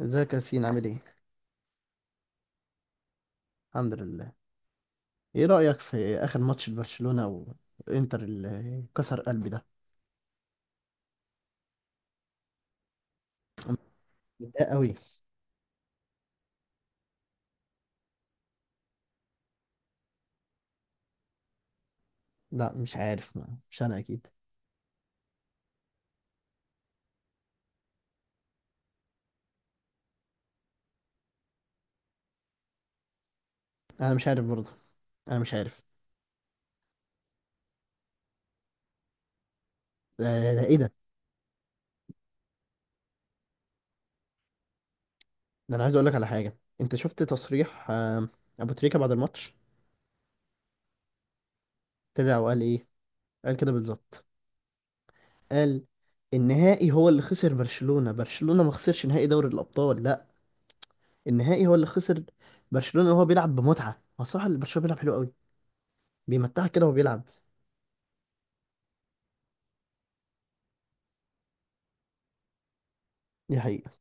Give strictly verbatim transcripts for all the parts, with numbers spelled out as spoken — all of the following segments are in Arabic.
ازيك يا ياسين؟ عامل ايه؟ الحمد لله. ايه رأيك في اخر ماتش لبرشلونة وانتر اللي كسر قلبي ده؟ متضايق قوي. لا مش عارف. ما. مش انا اكيد. انا مش عارف برضه، انا مش عارف. ده, ده ايه ده؟ ده، انا عايز اقول لك على حاجة. انت شفت تصريح آه، ابو تريكة بعد الماتش؟ طلع وقال ايه؟ قال كده بالظبط. قال النهائي هو اللي خسر. برشلونة برشلونة ما خسرش نهائي دوري الابطال، لا. النهائي هو اللي خسر. برشلونة وهو بيلعب بمتعة. هو الصراحة اللي برشلونة بيلعب حلو قوي، بيمتعك كده وهو بيلعب. دي حقيقة.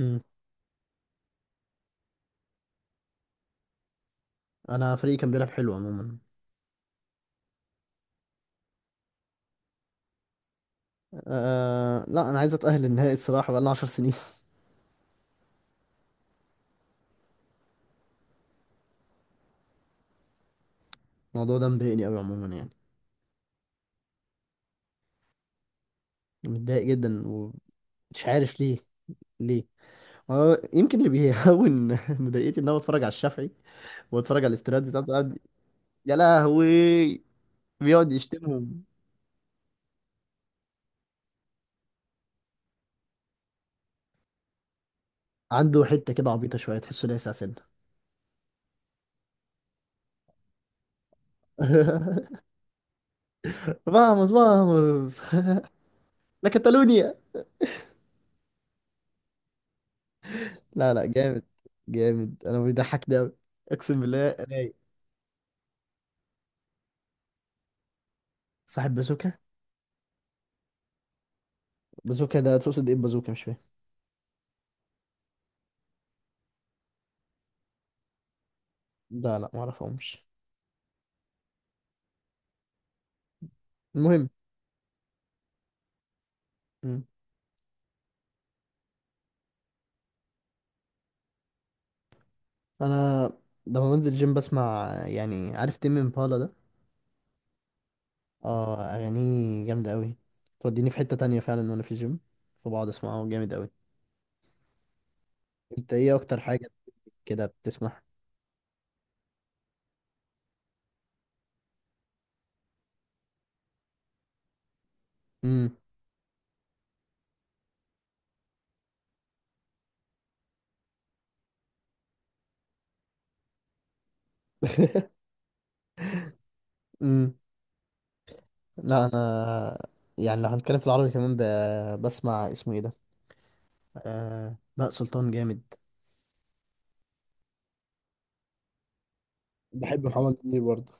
مم. انا فريقي كان بيلعب حلو عموما. أه لا، انا عايز اتاهل النهائي الصراحه، بقالنا عشر سنين. الموضوع ده مضايقني قوي عموما يعني. متضايق جدا ومش عارف ليه. ليه؟ هو يمكن اللي بيهون مضايقتي ان انا بتفرج على الشافعي، واتفرج على الاستراد بتاعته قاعد. يا لهوي، بيقعد يشتمهم. عنده حته كده عبيطه شويه، تحسه لاسع سنه. فاموس فاموس. لا، كاتالونيا. لا لا، جامد. جامد. انا بيضحك ده أوي. اقسم بالله رايق. صاحب بازوكا. بازوكا ده تقصد ايه؟ بازوكا مش فاهم. لا لا، معرفهمش. المهم. مم. انا لما بنزل جيم بسمع، يعني عارف تيم امبالا ده؟ اه اغانيه جامده قوي. توديني في حته تانية فعلا وانا في الجيم، فبقعد اسمعه جامد قوي. انت ايه اكتر حاجه كده بتسمعها؟ امم. امم. لا انا، يعني لو هنتكلم في العربي كمان ب... بسمع اسمه ايه ده؟ آه... بهاء سلطان جامد. بحب محمد منير برضه.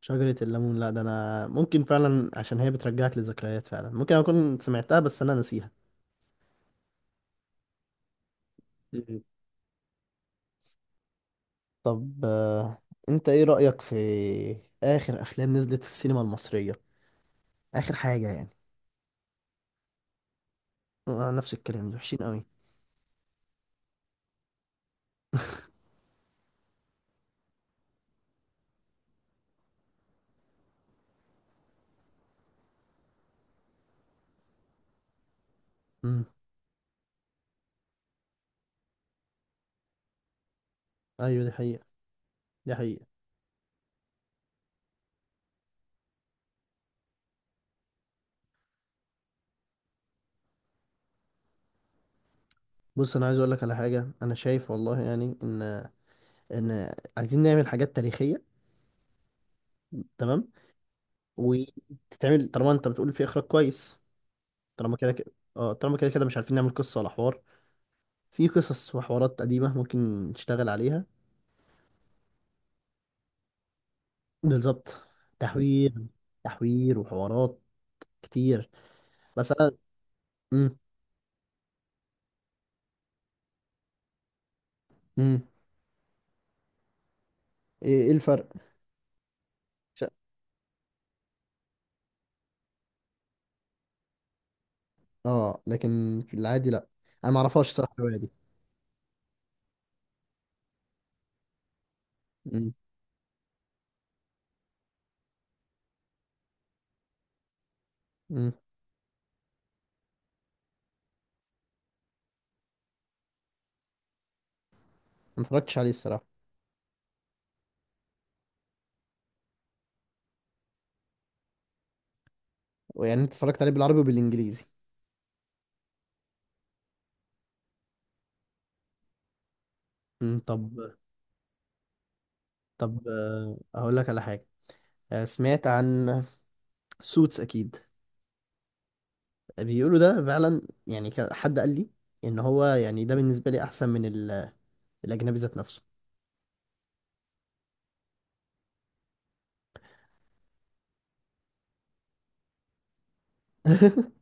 شجرة الليمون؟ لا ده انا ممكن فعلا، عشان هي بترجعك لذكريات فعلا، ممكن اكون سمعتها بس انا ناسيها. مم. طب آه، انت ايه رأيك في اخر افلام نزلت في السينما المصرية؟ اخر حاجة يعني. آه، نفس الكلام، ده وحشين قوي. امم. ايوه دي حقيقة. دي حقيقة. بص انا عايز اقول لك على حاجة. انا شايف والله يعني ان، ان عايزين نعمل حاجات تاريخية. تمام. وتتعمل طالما انت بتقول في اخراج كويس. طالما كده كده اه، طالما كده كده مش عارفين نعمل قصة ولا حوار. في قصص وحوارات قديمة ممكن نشتغل عليها. بالظبط. تحوير. تحوير وحوارات كتير. بس أنا. مم. مم. إيه؟ إيه الفرق؟ ش- آه لكن في العادي لأ. أنا معرفهاش الصراحة الرواية دي. مم. مم. ما اتفرجتش عليه الصراحة. يعني أنت اتفرجت عليه بالعربي وبالإنجليزي؟ مم. طب. طب آه، أقول لك على حاجة. آه، سمعت عن سوتس أكيد؟ بيقولوا ده فعلا. يعني ك- حد قال لي إن هو يعني ده بالنسبة لي أحسن من ال- الأجنبي ذات نفسه.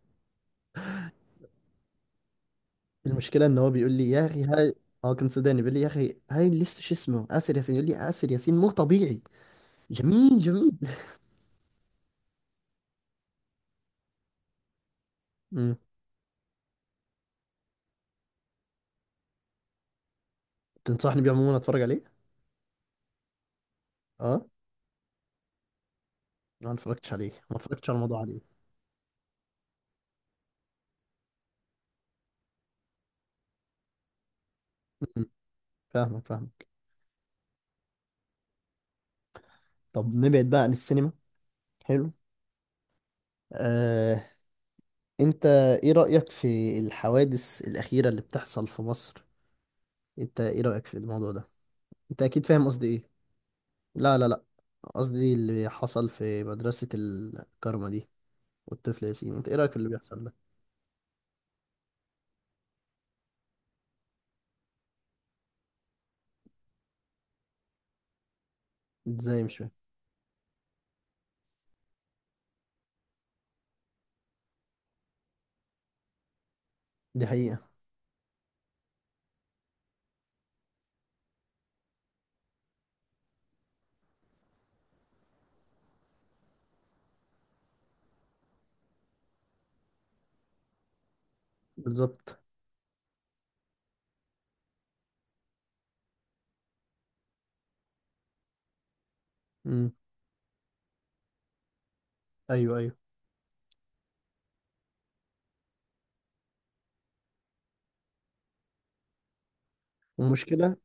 المشكله ان هو بيقول لي يا اخي هاي. هو كان سوداني بيقول لي يا اخي هاي لسه شو اسمه آسر ياسين، يقول لي آسر ياسين مو طبيعي. جميل جميل. امم. تنصحني بيه عموما اتفرج عليه؟ اه. ما اتفرجتش عليه، ما اتفرجتش على الموضوع عليه. أمم، فاهمك فاهمك. طب نبعد بقى عن السينما. حلو. آه، انت ايه رأيك في الحوادث الأخيرة اللي بتحصل في مصر؟ انت ايه رأيك في الموضوع ده؟ انت اكيد فاهم قصدي ايه. لا لا لا، قصدي اللي حصل في مدرسة الكارما دي والطفل ياسين. انت ايه رأيك في اللي بيحصل ده؟ ازاي؟ مش فاهم. دي حقيقة. بالظبط. امم. ايوه ايوه. والمشكلة.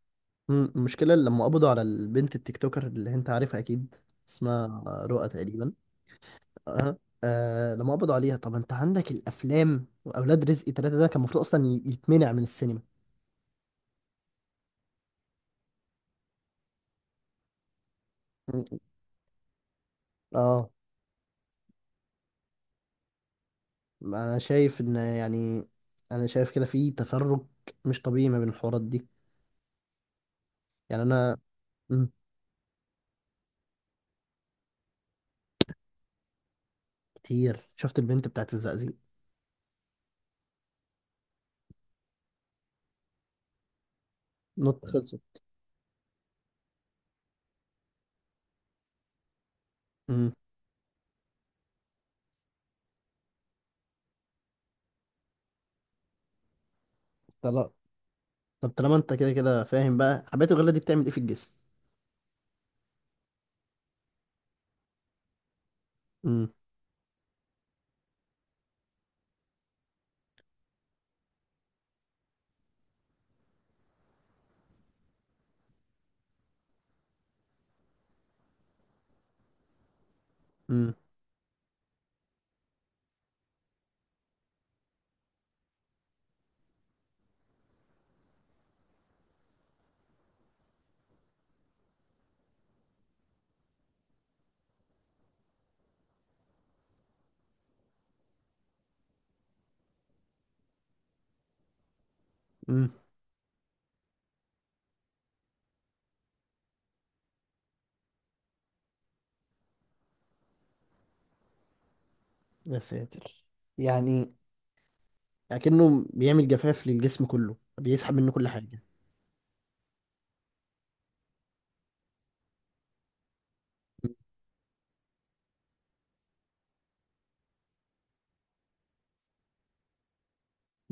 امم، المشكلة لما قبضوا على البنت التيك توكر اللي انت عارفها اكيد، اسمها رؤى تقريبا. أه. آه لما قبضوا عليها، طب انت عندك الافلام واولاد رزق ثلاثة، ده كان المفروض اصلا ي- يتمنع من السينما. مم. اه. انا شايف ان يعني، انا شايف كده في تفرق مش طبيعي ما بين الحوارات دي. يعني انا. مم. كتير. شفت البنت بتاعت الزقازيق؟ نط خلصت. امم. طب طالما انت كده كده فاهم بقى، حبات الغلة دي بتعمل ايه في الجسم؟ امم. امم. امم. يا ساتر. يعني اكنه بيعمل جفاف للجسم كله، بيسحب منه كل حاجة.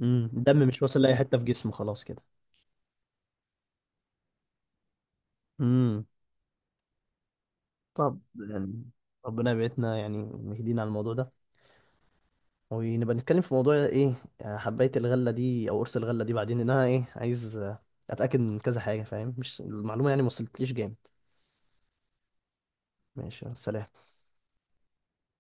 امم. الدم مش واصل لأي حتة في جسمه خلاص كده. امم. طب يعني ربنا يبعدنا، يعني مهدينا على الموضوع ده. ونبقى نتكلم في موضوع ايه؟ حباية الغلة دي او قرص الغلة دي بعدين، لأن انا ايه عايز اتأكد من كذا حاجة، فاهم؟ مش المعلومة يعني ما وصلتليش جامد. ماشي سلام.